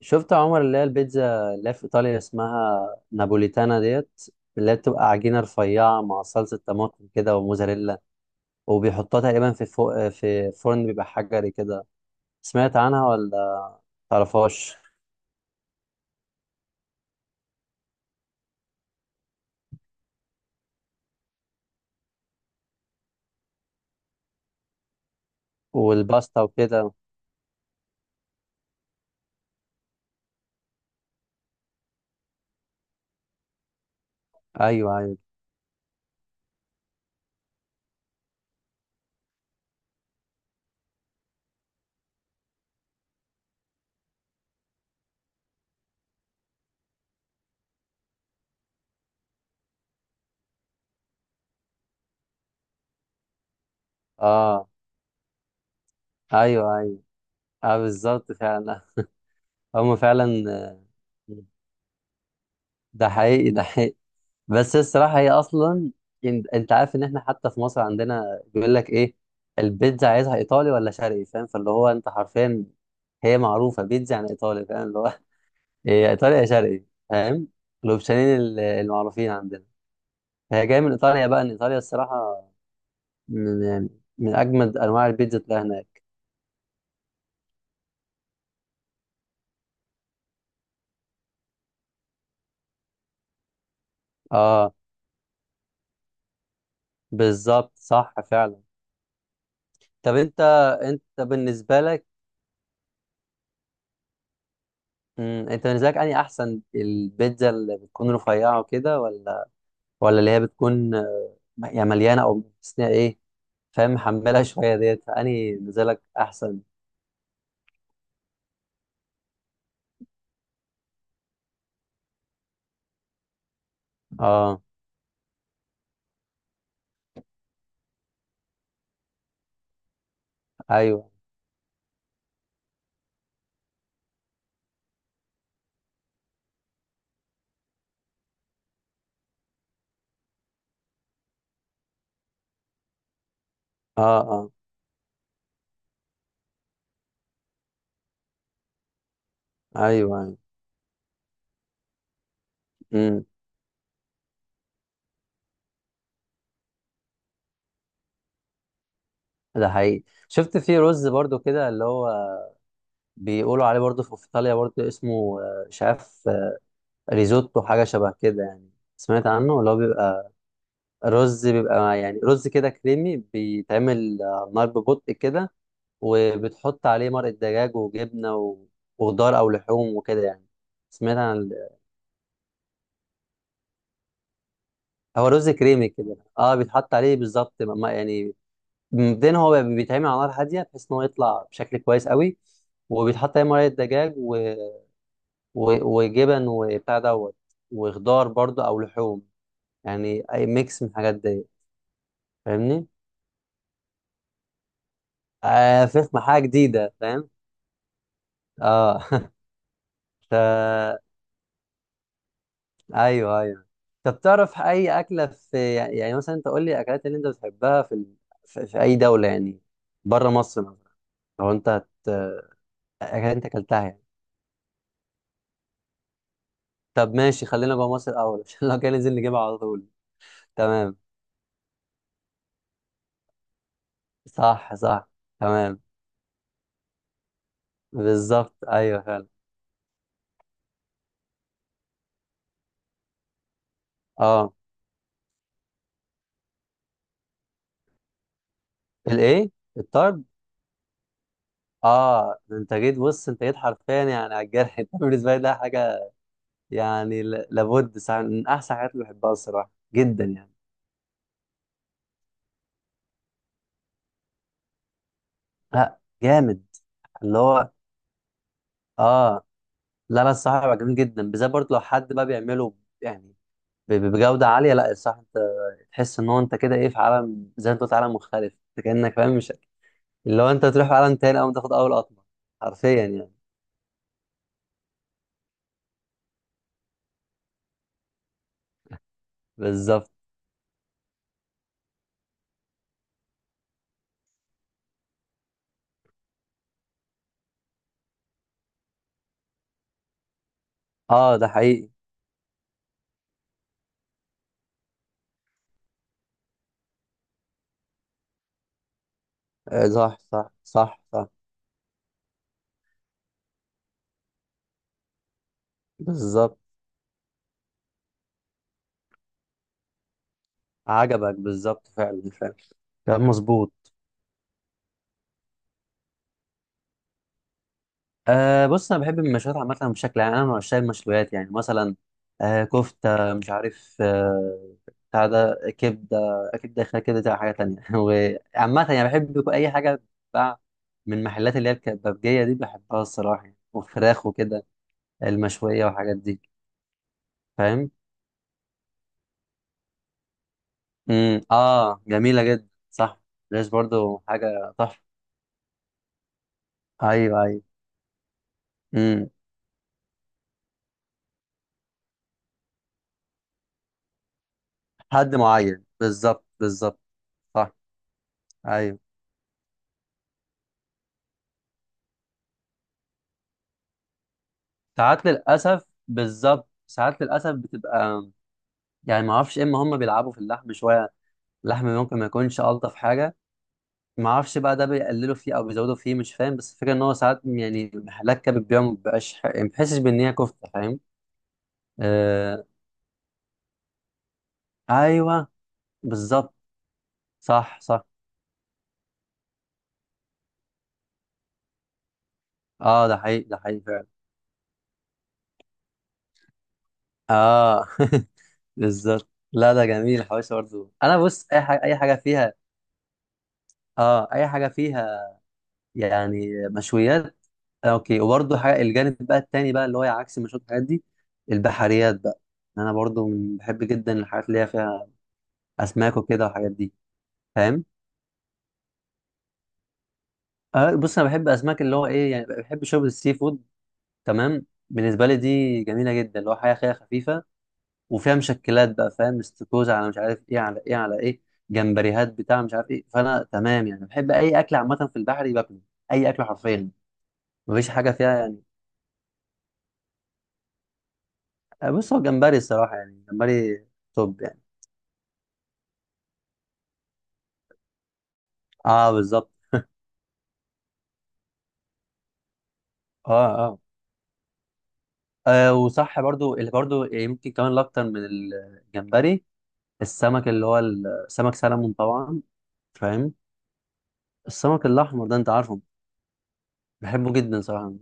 شفت يا عمر، اللي هي البيتزا اللي هي في ايطاليا اسمها نابوليتانا ديت، اللي هي بتبقى عجينه رفيعه مع صلصه طماطم كده وموزاريلا، وبيحطوها تقريبا فوق في فرن بيبقى حجري كده. سمعت عنها ولا تعرفهاش؟ والباستا وكده. ايوه ايوه. اه. ايوه ايوه. اه بالظبط فعلا. هم فعلا. ده حقيقي ده حقيقي. بس الصراحة هي أصلا، أنت عارف إن إحنا حتى في مصر عندنا بيقول لك إيه؟ البيتزا عايزها إيطالي ولا شرقي؟ فاهم؟ فاللي هو أنت حرفيا هي معروفة بيتزا، يعني إيطالي، فاهم؟ اللي هو إيه، إيطالي يا شرقي، فاهم؟ الأوبشنين المعروفين عندنا. هي جاية من إيطاليا بقى، إن إيطاليا الصراحة من، يعني من أجمد أنواع البيتزا تلاقيها هناك. آه بالظبط، صح فعلا. طب أنت، أنت بالنسبة لك، أنت بالنسبة لك أنهي أحسن؟ البيتزا اللي بتكون رفيعة وكده، ولا ولا اللي هي بتكون، يعني مليانه او بس ايه؟ فاهم؟ محملها شويه ديت، فاني نزلك احسن. اه ايوه. اه اه. ايوه ايوه. امم ده حقيقي. شفت في رز برضو كده، اللي هو بيقولوا عليه برضو في ايطاليا، برضو اسمه مش عارف، ريزوتو، حاجه شبه كده يعني. سمعت عنه؟ اللي هو بيبقى رز، بيبقى يعني رز كده كريمي، بيتعمل نار ببطء كده، وبتحط عليه مرقه دجاج وجبنه وخضار او لحوم وكده يعني. سمعت عن. هو رز كريمي كده، اه بيتحط عليه بالظبط، يعني مبدئيا هو بيتعمل على نار هاديه، بحيث ان هو يطلع بشكل كويس قوي، وبيتحط عليه مرقه دجاج، و... و... وجبن وبتاع دوت، وخضار برضو او لحوم، يعني اي ميكس من الحاجات دي. فاهمني؟ آه فخمه، حاجه جديده، فاهم؟ اه. ف... ايوه ايوه. طب تعرف اي اكله في، يعني مثلا انت قول لي اكلات اللي انت بتحبها، في ال... في... في اي دوله يعني، بره مصر مثلا، لو انت، هت... اكلات انت اكلتها يعني. طب ماشي، خلينا جوه مصر الاول، عشان لو كان ننزل نجيبها على طول. تمام. صح صح. تمام. بالظبط ايوه فعلا. اه. الايه؟ الطرد؟ اه ده انت جيت، بص انت جيت حرفيا يعني على الجرح. انت بالنسبه لي ده حاجه يعني لابد صح من احسن حاجات اللي بحبها الصراحه، جدا يعني. لا جامد. اللي هو اه. لا لا، الصراحه بيبقى جميل جدا، بالذات برضه لو حد بقى بيعمله يعني بجوده عاليه. لا الصراحه انت تحس ان هو انت كده ايه، في عالم، زي ما انت قلت، عالم مختلف، انت كانك فاهم مش، اللي هو انت تروح عالم تاني اول ما تاخد اول قطمه، حرفيا يعني. بالظبط. اه ده حقيقي. آه، صح صح صح صح. بالظبط. عجبك بالظبط، فعلا فعلا. كلام مظبوط. آه بص انا بحب المشويات عامه، بشكل عام انا من عشاق المشويات. يعني مثلا آه كفته، مش عارف آه، بتاع ده، كبده اكيد داخله كده، ده حاجه تانية. وعامه يعني بحب اي حاجه بتتباع من المحلات اللي هي الكبابجيه دي، بحبها الصراحه يعني. وفراخ وكده المشويه والحاجات دي، فاهم. اه، جميله جدا، صح. ليش برضو حاجه تحفه. ايوه ايوه. امم حد معين، بالظبط بالظبط. صح. ايوه. ساعات للاسف، بالظبط، ساعات للاسف بتبقى يعني، ما اعرفش اما هم بيلعبوا في اللحم شويه، اللحم ممكن ما يكونش الطف حاجه، ما اعرفش بقى ده بيقللوا فيه او بيزودوا فيه، مش فاهم. بس الفكره ان هو ساعات يعني محلات كبد بيبيعوا، ما بيبقاش يعني ما بحسش بان هي كفته، فاهم؟ آه. ايوه بالظبط. صح صح. اه ده حقيقي ده حقيقي فعلا. اه. بالظبط، لا ده جميل، الحواوشي برضه، انا بص اي حاجه، اي حاجه فيها. اه اي حاجه فيها، يعني مشويات. اوكي. وبرضه حاجه، الجانب بقى التاني بقى، اللي هو عكس المشويات، الحاجات دي البحريات بقى، انا برضه بحب جدا الحاجات اللي هي فيها اسماك وكده والحاجات دي، فاهم؟ آه بص انا بحب اسماك، اللي هو ايه يعني، بحب شوربه السي فود، تمام. بالنسبه لي دي جميله جدا، اللي هو حاجه خفيفه وفيها مشكلات بقى، فاهم؟ استكوزة على مش عارف ايه، على ايه على ايه، جمبريهات بتاع مش عارف ايه. فانا تمام يعني، بحب اي اكل عامه في البحر باكله، اي اكل حرفيا. مفيش حاجه فيها يعني. بص هو جمبري الصراحه، يعني جمبري توب يعني. اه بالظبط. اه اه. وصح برضو، اللي برضو يمكن كمان الاكتر من الجمبري، السمك، اللي هو السمك سلمون طبعا، فاهم؟ السمك الاحمر ده، انت عارفه، بحبه جدا صراحه،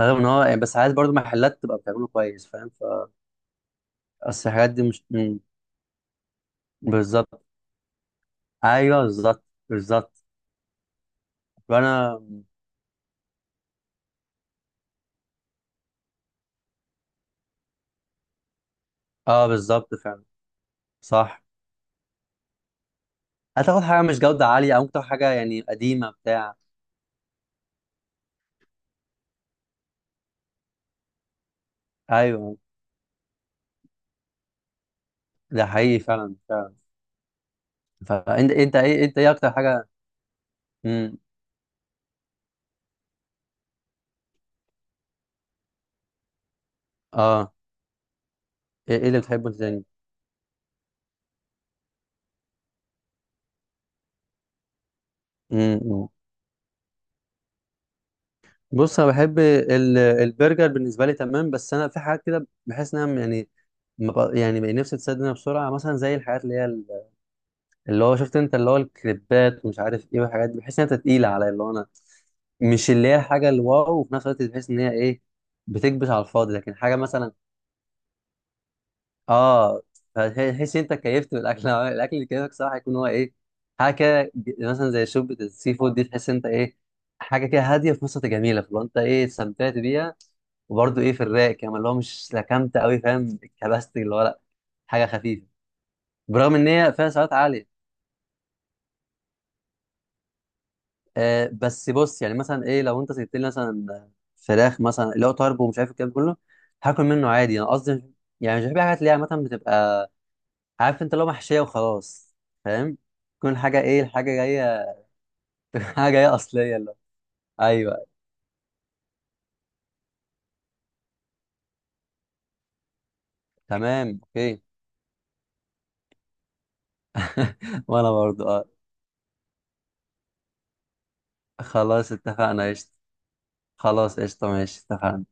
رغم ان هو يعني، بس عايز برضو محلات تبقى بتعمله كويس، فاهم؟ اصل الحاجات دي مش، بالظبط. ايوه بالظبط بالظبط. فانا. اه بالظبط فعلا. صح. هتاخد حاجه مش جوده عاليه، او ممكن تاخد حاجه يعني قديمه بتاع. ايوه. ده حقيقي فعلا فعلا. فانت انت ايه، انت ايه اكتر حاجه؟ امم اه. ايه، إيه اللي بتحبه أنت تاني؟ امم بص انا بحب ال... البرجر، بالنسبه لي تمام، بس انا في حاجات كده بحس انها يعني ما بق- يعني بقى نفسي تسد منها بسرعه، مثلا زي الحاجات اللي هي، اللي هو شفت انت، اللي هو الكليبات ومش عارف ايه والحاجات دي، بحس ان انت تقيله عليا، اللي هو انا مش، اللي هي الحاجه الواو، وفي نفس الوقت تحس ان هي ايه، بتكبس على الفاضي. لكن حاجه مثلا، اه، تحس انت كيفت بالاكل، الاكل اللي كيفك صراحه يكون هو ايه، حاجه كده مثلا زي شوربه السي فود دي، تحس انت ايه، حاجه كده هاديه، في نفس الوقت جميله، فلو انت ايه استمتعت بيها، وبرده ايه في الرايق كمان، اللي هو مش لكمت قوي، فاهم، اتكبست اللي هو، لا، حاجه خفيفه، برغم ان هي فيها سعرات عاليه. آه بس بص يعني مثلا ايه، لو انت سبت لي مثلا فراخ مثلا، اللي هو طرب ومش عارف الكلام ده كله، هاكل منه عادي، انا قصدي يعني مش بحب حاجات اللي هي عامه بتبقى، عارف انت لو محشيه وخلاص، فاهم؟ تكون حاجه ايه، الحاجه جايه، حاجه جايه اصليه اللي هو. ايوه. تمام اوكي. وانا برضو اه. خلاص اتفقنا قشطه. خلاص قشطه، ماشي اتفقنا.